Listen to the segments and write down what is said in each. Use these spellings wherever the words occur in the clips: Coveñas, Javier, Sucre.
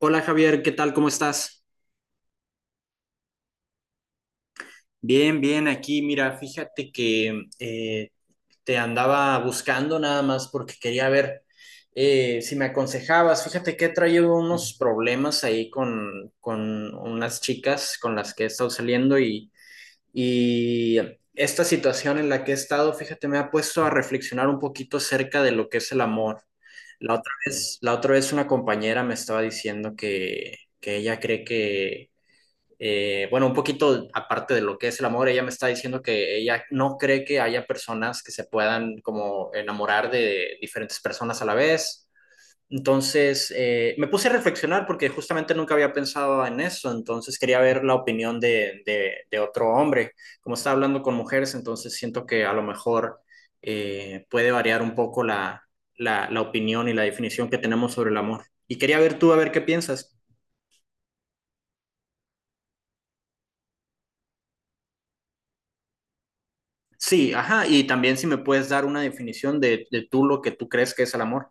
Hola Javier, ¿qué tal? ¿Cómo estás? Bien, bien, aquí, mira, fíjate que te andaba buscando nada más porque quería ver si me aconsejabas. Fíjate que he traído unos problemas ahí con unas chicas con las que he estado saliendo y esta situación en la que he estado, fíjate, me ha puesto a reflexionar un poquito acerca de lo que es el amor. La otra vez una compañera me estaba diciendo que ella cree que. Bueno, un poquito aparte de lo que es el amor, ella me está diciendo que ella no cree que haya personas que se puedan como enamorar de diferentes personas a la vez. Entonces, me puse a reflexionar porque justamente nunca había pensado en eso, entonces quería ver la opinión de otro hombre. Como está hablando con mujeres, entonces siento que a lo mejor puede variar un poco la opinión y la definición que tenemos sobre el amor. Y quería ver tú a ver qué piensas. Sí, ajá, y también si me puedes dar una definición de tú lo que tú crees que es el amor.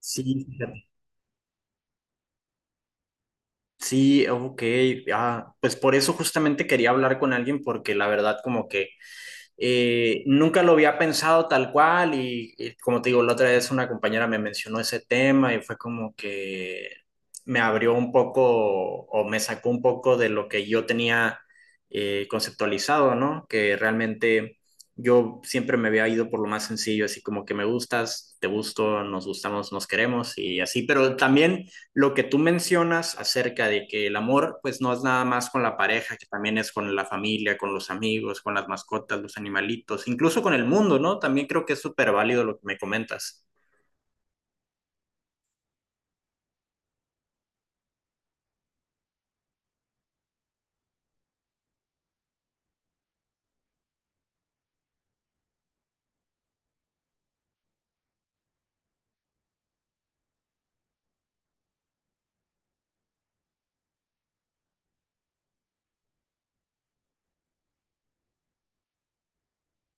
Sí, fíjate. Sí, ok, ah, pues por eso justamente quería hablar con alguien porque la verdad como que nunca lo había pensado tal cual y como te digo, la otra vez una compañera me mencionó ese tema y fue como que me abrió un poco o me sacó un poco de lo que yo tenía conceptualizado, ¿no? Que realmente yo siempre me había ido por lo más sencillo, así como que me gustas, te gusto, nos gustamos, nos queremos y así, pero también lo que tú mencionas acerca de que el amor pues no es nada más con la pareja, que también es con la familia, con los amigos, con las mascotas, los animalitos, incluso con el mundo, ¿no? También creo que es súper válido lo que me comentas.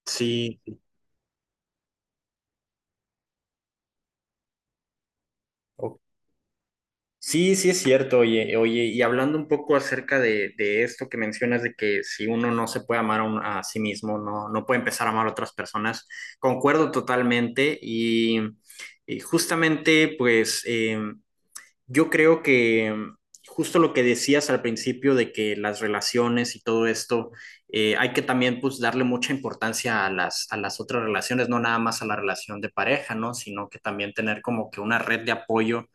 Sí. o- Sí, sí es cierto, oye, oye, y hablando un poco acerca de esto que mencionas de que si uno no se puede amar a sí mismo, no puede empezar a amar a otras personas, concuerdo totalmente y justamente pues... Yo creo que justo lo que decías al principio de que las relaciones y todo esto, hay que también pues darle mucha importancia a las otras relaciones, no nada más a la relación de pareja, ¿no? Sino que también tener como que una red de apoyo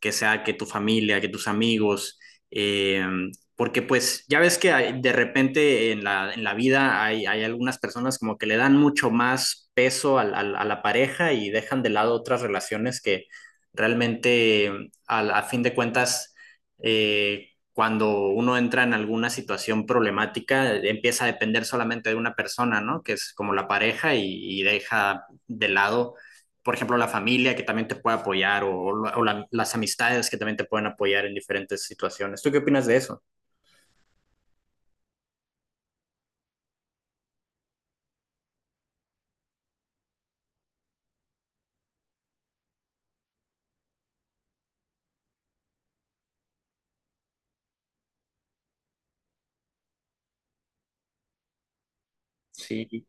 que sea que tu familia, que tus amigos, porque pues ya ves que de repente en la vida hay algunas personas como que le dan mucho más peso a la pareja y dejan de lado otras relaciones que realmente al a fin de cuentas, cuando uno entra en alguna situación problemática, empieza a depender solamente de una persona, ¿no? Que es como la pareja y deja de lado, por ejemplo, la familia que también te puede apoyar o las amistades que también te pueden apoyar en diferentes situaciones. ¿Tú qué opinas de eso? Sí.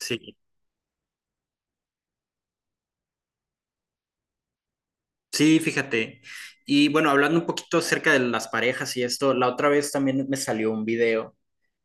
Sí, sí, fíjate. Y bueno, hablando un poquito acerca de las parejas y esto, la otra vez también me salió un video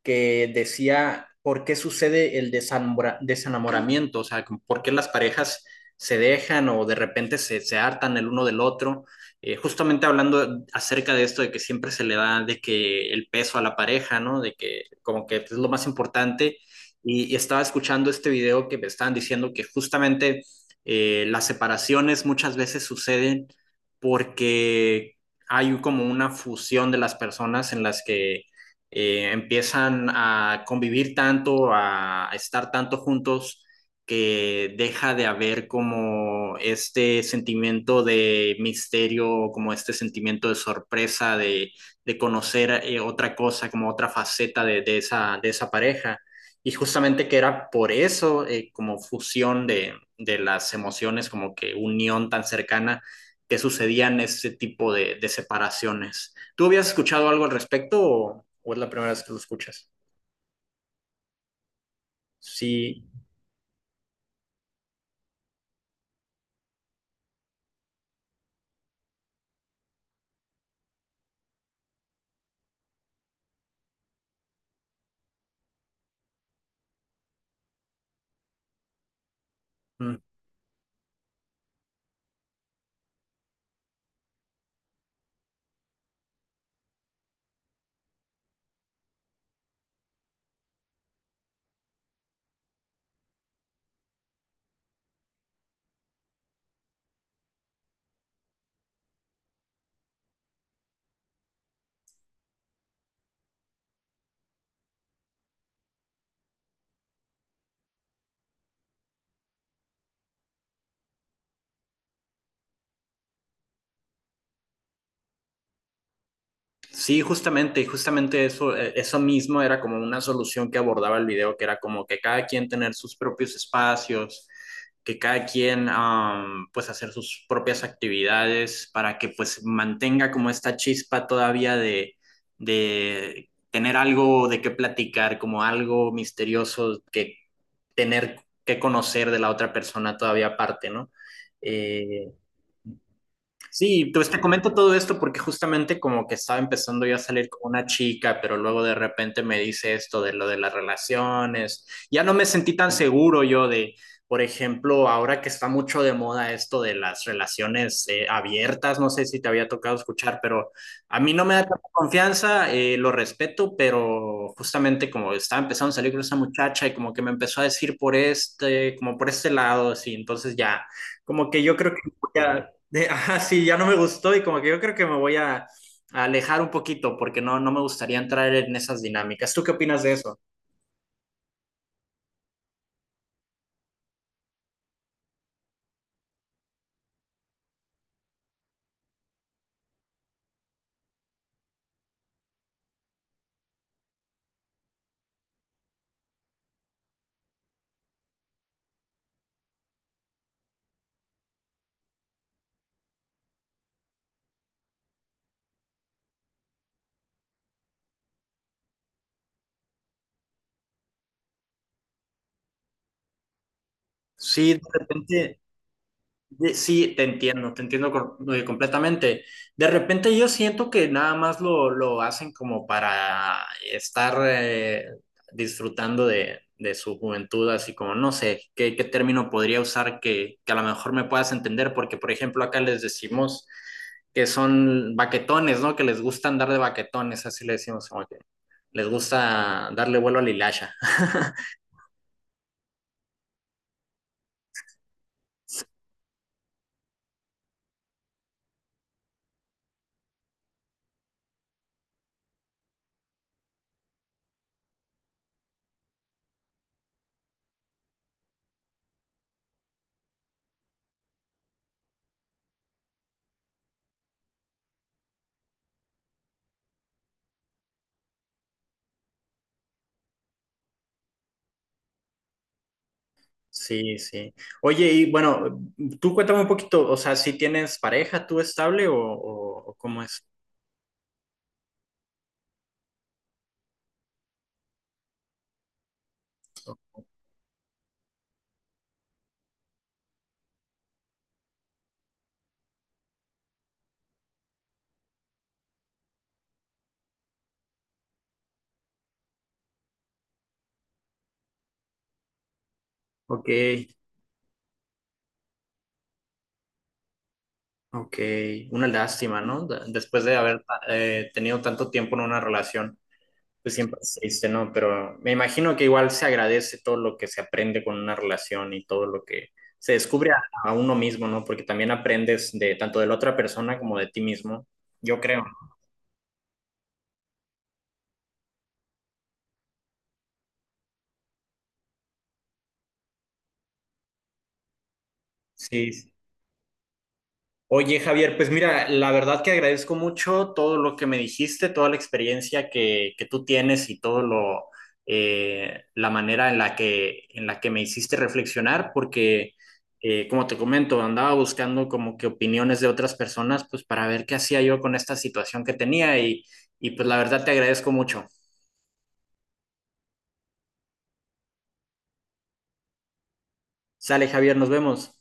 que decía por qué sucede el desenamoramiento, o sea, por qué las parejas se dejan o de repente se hartan el uno del otro. Justamente hablando acerca de esto de que siempre se le da de que el peso a la pareja, ¿no? De que como que es lo más importante. Y estaba escuchando este video que me estaban diciendo que justamente las separaciones muchas veces suceden porque hay como una fusión de las personas en las que empiezan a convivir tanto, a estar tanto juntos, que deja de haber como este sentimiento de misterio, como este sentimiento de sorpresa, de conocer otra cosa, como otra faceta de esa pareja. Y justamente que era por eso, como fusión de las emociones, como que unión tan cercana, que sucedían este tipo de separaciones. ¿Tú habías escuchado algo al respecto o es la primera vez que lo escuchas? Sí, mm, sí, justamente, justamente eso, eso mismo era como una solución que abordaba el video, que era como que cada quien tener sus propios espacios, que cada quien pues hacer sus propias actividades para que pues mantenga como esta chispa todavía de tener algo de qué platicar, como algo misterioso que tener que conocer de la otra persona todavía aparte, ¿no? Eh, Sí, pues te comento todo esto porque justamente como que estaba empezando yo a salir con una chica, pero luego de repente me dice esto de lo de las relaciones. Ya no me sentí tan seguro yo de, por ejemplo, ahora que está mucho de moda esto de las relaciones abiertas, no sé si te había tocado escuchar, pero a mí no me da tanta confianza, lo respeto, pero justamente como estaba empezando a salir con esa muchacha y como que me empezó a decir por este, como por este lado, así, entonces ya, como que yo creo que voy a ajá, sí, ya no me gustó y como que yo creo que me voy a alejar un poquito porque no me gustaría entrar en esas dinámicas. ¿Tú qué opinas de eso? Sí, de repente. Sí, te entiendo, te entiendo, completamente. De repente yo siento que nada más lo hacen como para estar disfrutando de su juventud, así como no sé qué, término podría usar que a lo mejor me puedas entender, porque por ejemplo acá les decimos que son baquetones, ¿no? Que les gusta andar de baquetones, así le decimos, como que les gusta darle vuelo a la hilacha. Sí, sí. Oye, y bueno, tú cuéntame un poquito, o sea, si tienes pareja tú estable o cómo es. Ok, ok, una lástima, ¿no? Después de haber tenido tanto tiempo en una relación, pues siempre es triste, ¿no? Pero me imagino que igual se agradece todo lo que se aprende con una relación y todo lo que se descubre a uno mismo, ¿no? Porque también aprendes de tanto de la otra persona como de ti mismo, yo creo. ¿No? Sí. Sí. Oye, Javier, pues mira, la verdad que agradezco mucho todo lo que me dijiste, toda la experiencia que tú tienes y todo lo, la manera en la que me hiciste reflexionar, porque como te comento, andaba buscando como que opiniones de otras personas, pues para ver qué hacía yo con esta situación que tenía y pues la verdad te agradezco mucho. Sale, Javier, nos vemos.